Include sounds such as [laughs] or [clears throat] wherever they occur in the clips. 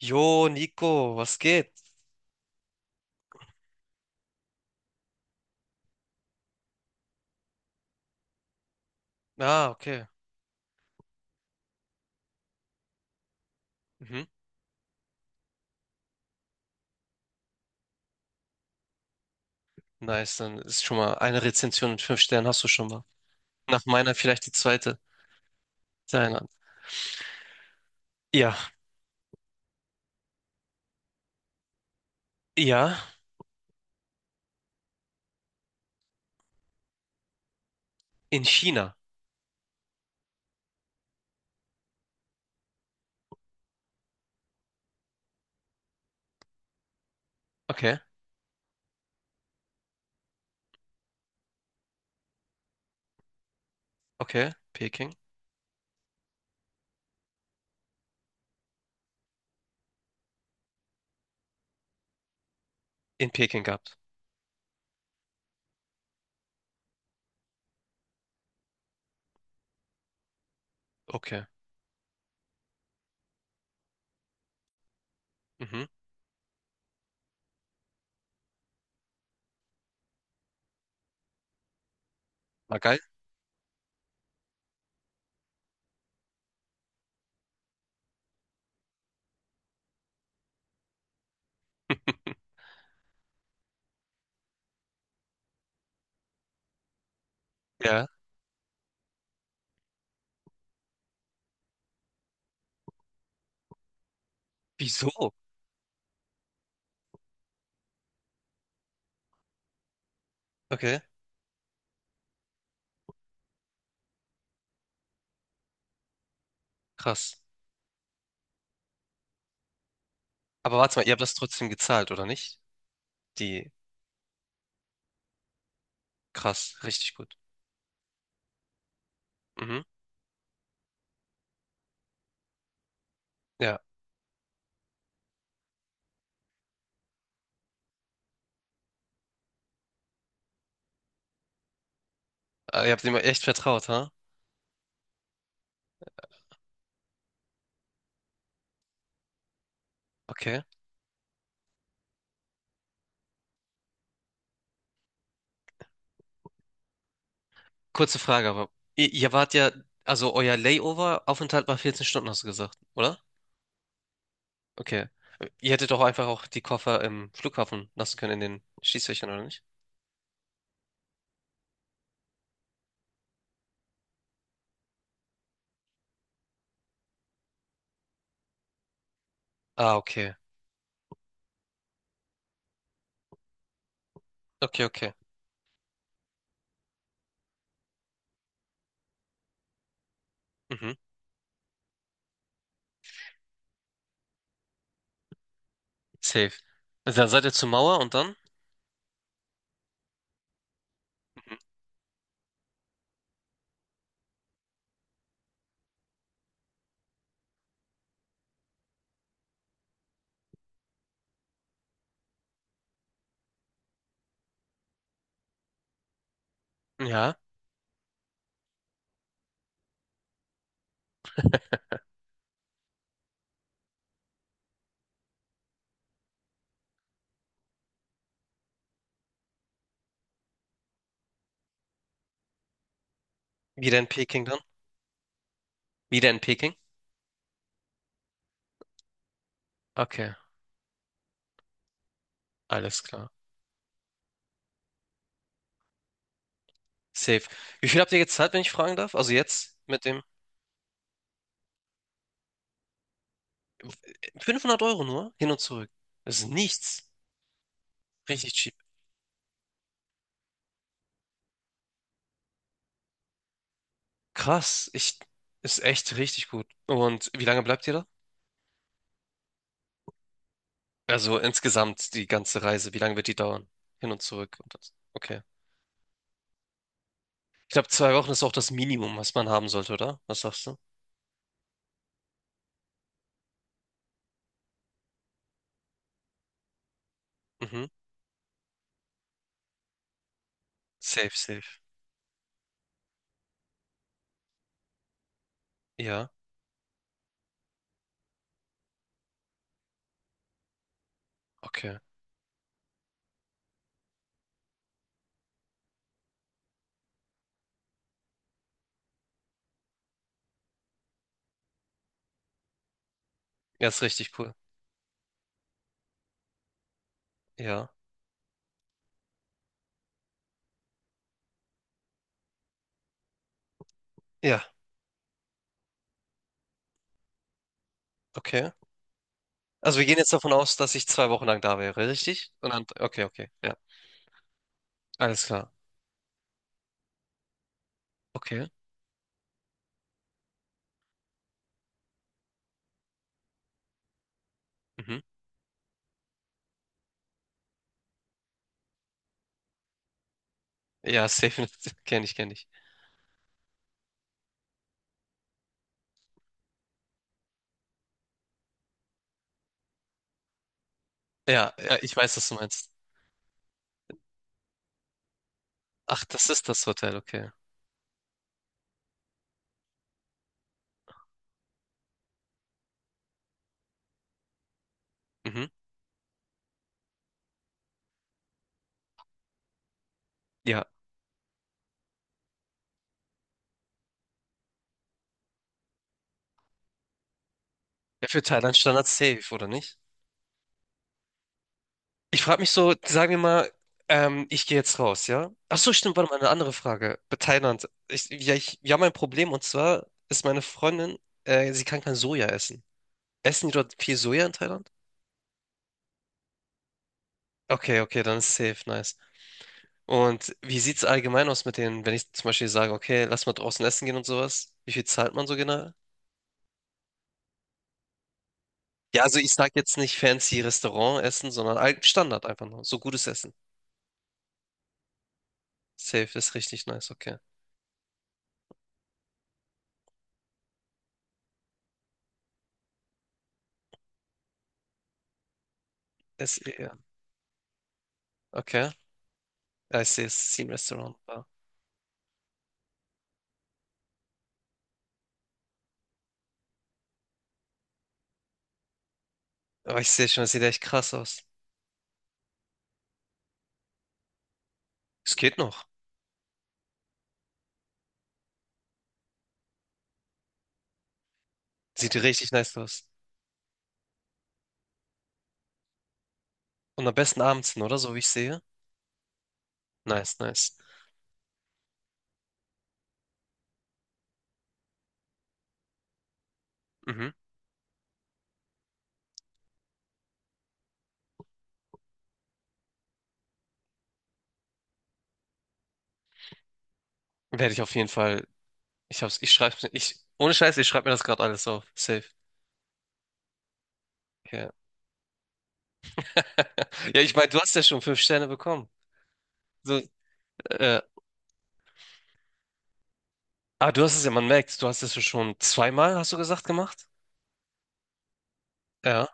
Jo, Nico, was geht? Ah, okay. Mhm. Nice, dann ist schon mal eine Rezension mit fünf Sternen hast du schon mal. Nach meiner vielleicht die zweite. Thailand. Ja, ja, in China. Okay, okay, Peking. In Peking gehabt. Okay. Mhm. War geil. Ja. Wieso? Okay, krass. Aber warte mal, ihr habt das trotzdem gezahlt, oder nicht? Die, krass, richtig gut. Mhm. Ja. Ah, ihr habt ihm echt vertraut, ha? Okay. Kurze Frage, aber ihr wart ja, also euer Layover-Aufenthalt war 14 Stunden, hast du gesagt, oder? Okay. Ihr hättet doch einfach auch die Koffer im Flughafen lassen können, in den Schließfächern, oder nicht? Ah, okay. Okay, okay. Mhm. Safe. Also dann seid ihr zur Mauer und dann? Ja. Wieder in Peking dann? Wieder in Peking? Okay, alles klar. Safe. Wie viel habt ihr gezahlt, wenn ich fragen darf? Also jetzt mit dem 500 € nur, hin und zurück. Das ist nichts. Richtig cheap. Krass, ich ist echt richtig gut. Und wie lange bleibt ihr da? Also insgesamt die ganze Reise, wie lange wird die dauern? Hin und zurück und das. Okay. Ich glaube, 2 Wochen ist auch das Minimum, was man haben sollte, oder? Was sagst du? Mhm. Safe, safe. Ja, okay. Ja, ist richtig cool. Ja. Ja, okay. Also wir gehen jetzt davon aus, dass ich 2 Wochen lang da wäre, richtig? Und dann, okay, okay. Ja. Alles klar. Okay. Mhm. Ja, safe. [laughs] Kenne ich, kenne ich. Ja, ja, ich weiß, was du meinst. Ach, das ist das Hotel, okay. Mhm. Ja. Ja, für Thailand Standard safe, oder nicht? Ich frage mich so, sagen wir mal, ich gehe jetzt raus, ja? Ach so, stimmt, warte mal, eine andere Frage. Bei Thailand. Ja, wir haben ein Problem und zwar ist meine Freundin, sie kann kein Soja essen. Essen die dort viel Soja in Thailand? Okay, okay, dann ist safe, nice. Und wie sieht's allgemein aus mit denen, wenn ich zum Beispiel sage, okay, lass mal draußen essen gehen und sowas? Wie viel zahlt man so genau? Ja, also ich sag jetzt nicht fancy Restaurant essen, sondern Standard einfach nur. So gutes Essen. Safe ist richtig nice, okay. Ja, okay. Ja, ich sehe, es ist ein Restaurant. Ja. Aber ich sehe schon, es sieht echt krass aus. Es geht noch. Sieht richtig nice aus. Und am besten abends hin, oder? So wie ich sehe. Nice, nice. Mhm. Werde ich auf jeden Fall. Ich hab's, ich schreib's mir. Ich, ohne Scheiß, ich schreibe mir das gerade alles auf. Safe. Ja. [laughs] Ja, ich meine, du hast ja schon fünf Sterne bekommen. So, äh, ah, du hast es ja, man merkt, du hast es ja schon zweimal, hast du gesagt, gemacht? Ja,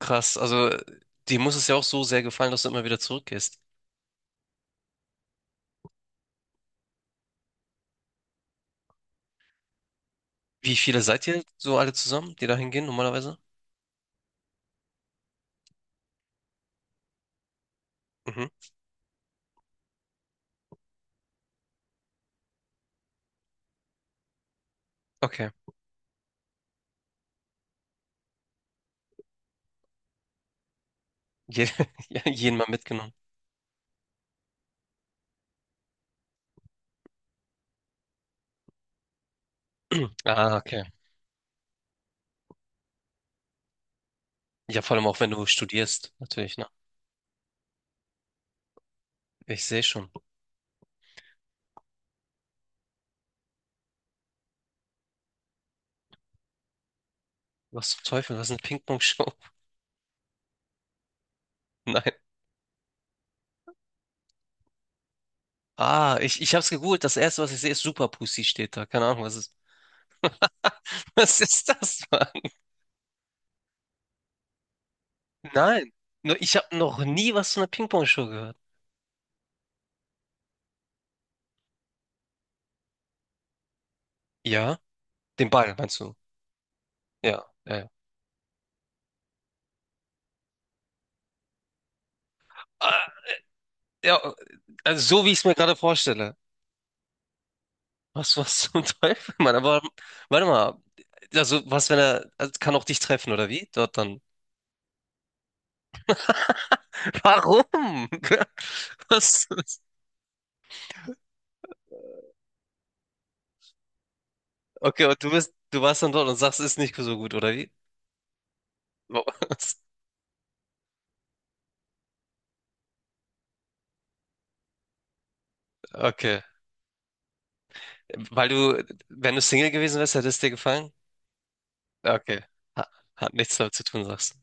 krass. Also, dir muss es ja auch so sehr gefallen, dass du immer wieder zurückgehst. Wie viele seid ihr so alle zusammen, die da hingehen normalerweise? Mhm. Okay. Je, [laughs] ja, jeden mal mitgenommen. [clears throat] Ah, okay. Ja, vor allem auch wenn du studierst, natürlich, ne? Ich sehe schon. Was zum Teufel, was ist eine Ping-Pong-Show? [laughs] Nein. Ah, ich hab's gegoogelt. Das erste, was ich sehe, ist Super Pussy steht da. Keine Ahnung, was ist. [laughs] Was ist das, Mann? Nein. Nur Ich habe noch nie was von einer Ping-Pong-Show gehört. Ja? Den Ball, meinst du? Ja, ja, ja. Ah, ja, also so wie ich es mir gerade vorstelle. Was zum [laughs] Teufel, Mann? Aber warte mal. Also, was, wenn er, also, kann auch dich treffen, oder wie? Dort dann. Warum? [laughs] Was? Okay, und du warst dann dort und sagst, ist nicht so gut, oder wie? Was? [laughs] Okay. Weil du, wenn du Single gewesen wärst, hätte es dir gefallen? Okay. Ha- Hat nichts damit zu tun, sagst du.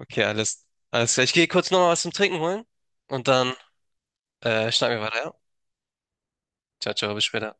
Okay, alles klar. Ich gehe kurz nochmal was zum Trinken holen und dann schnacken wir weiter. Ja? Ciao, ciao, bis später.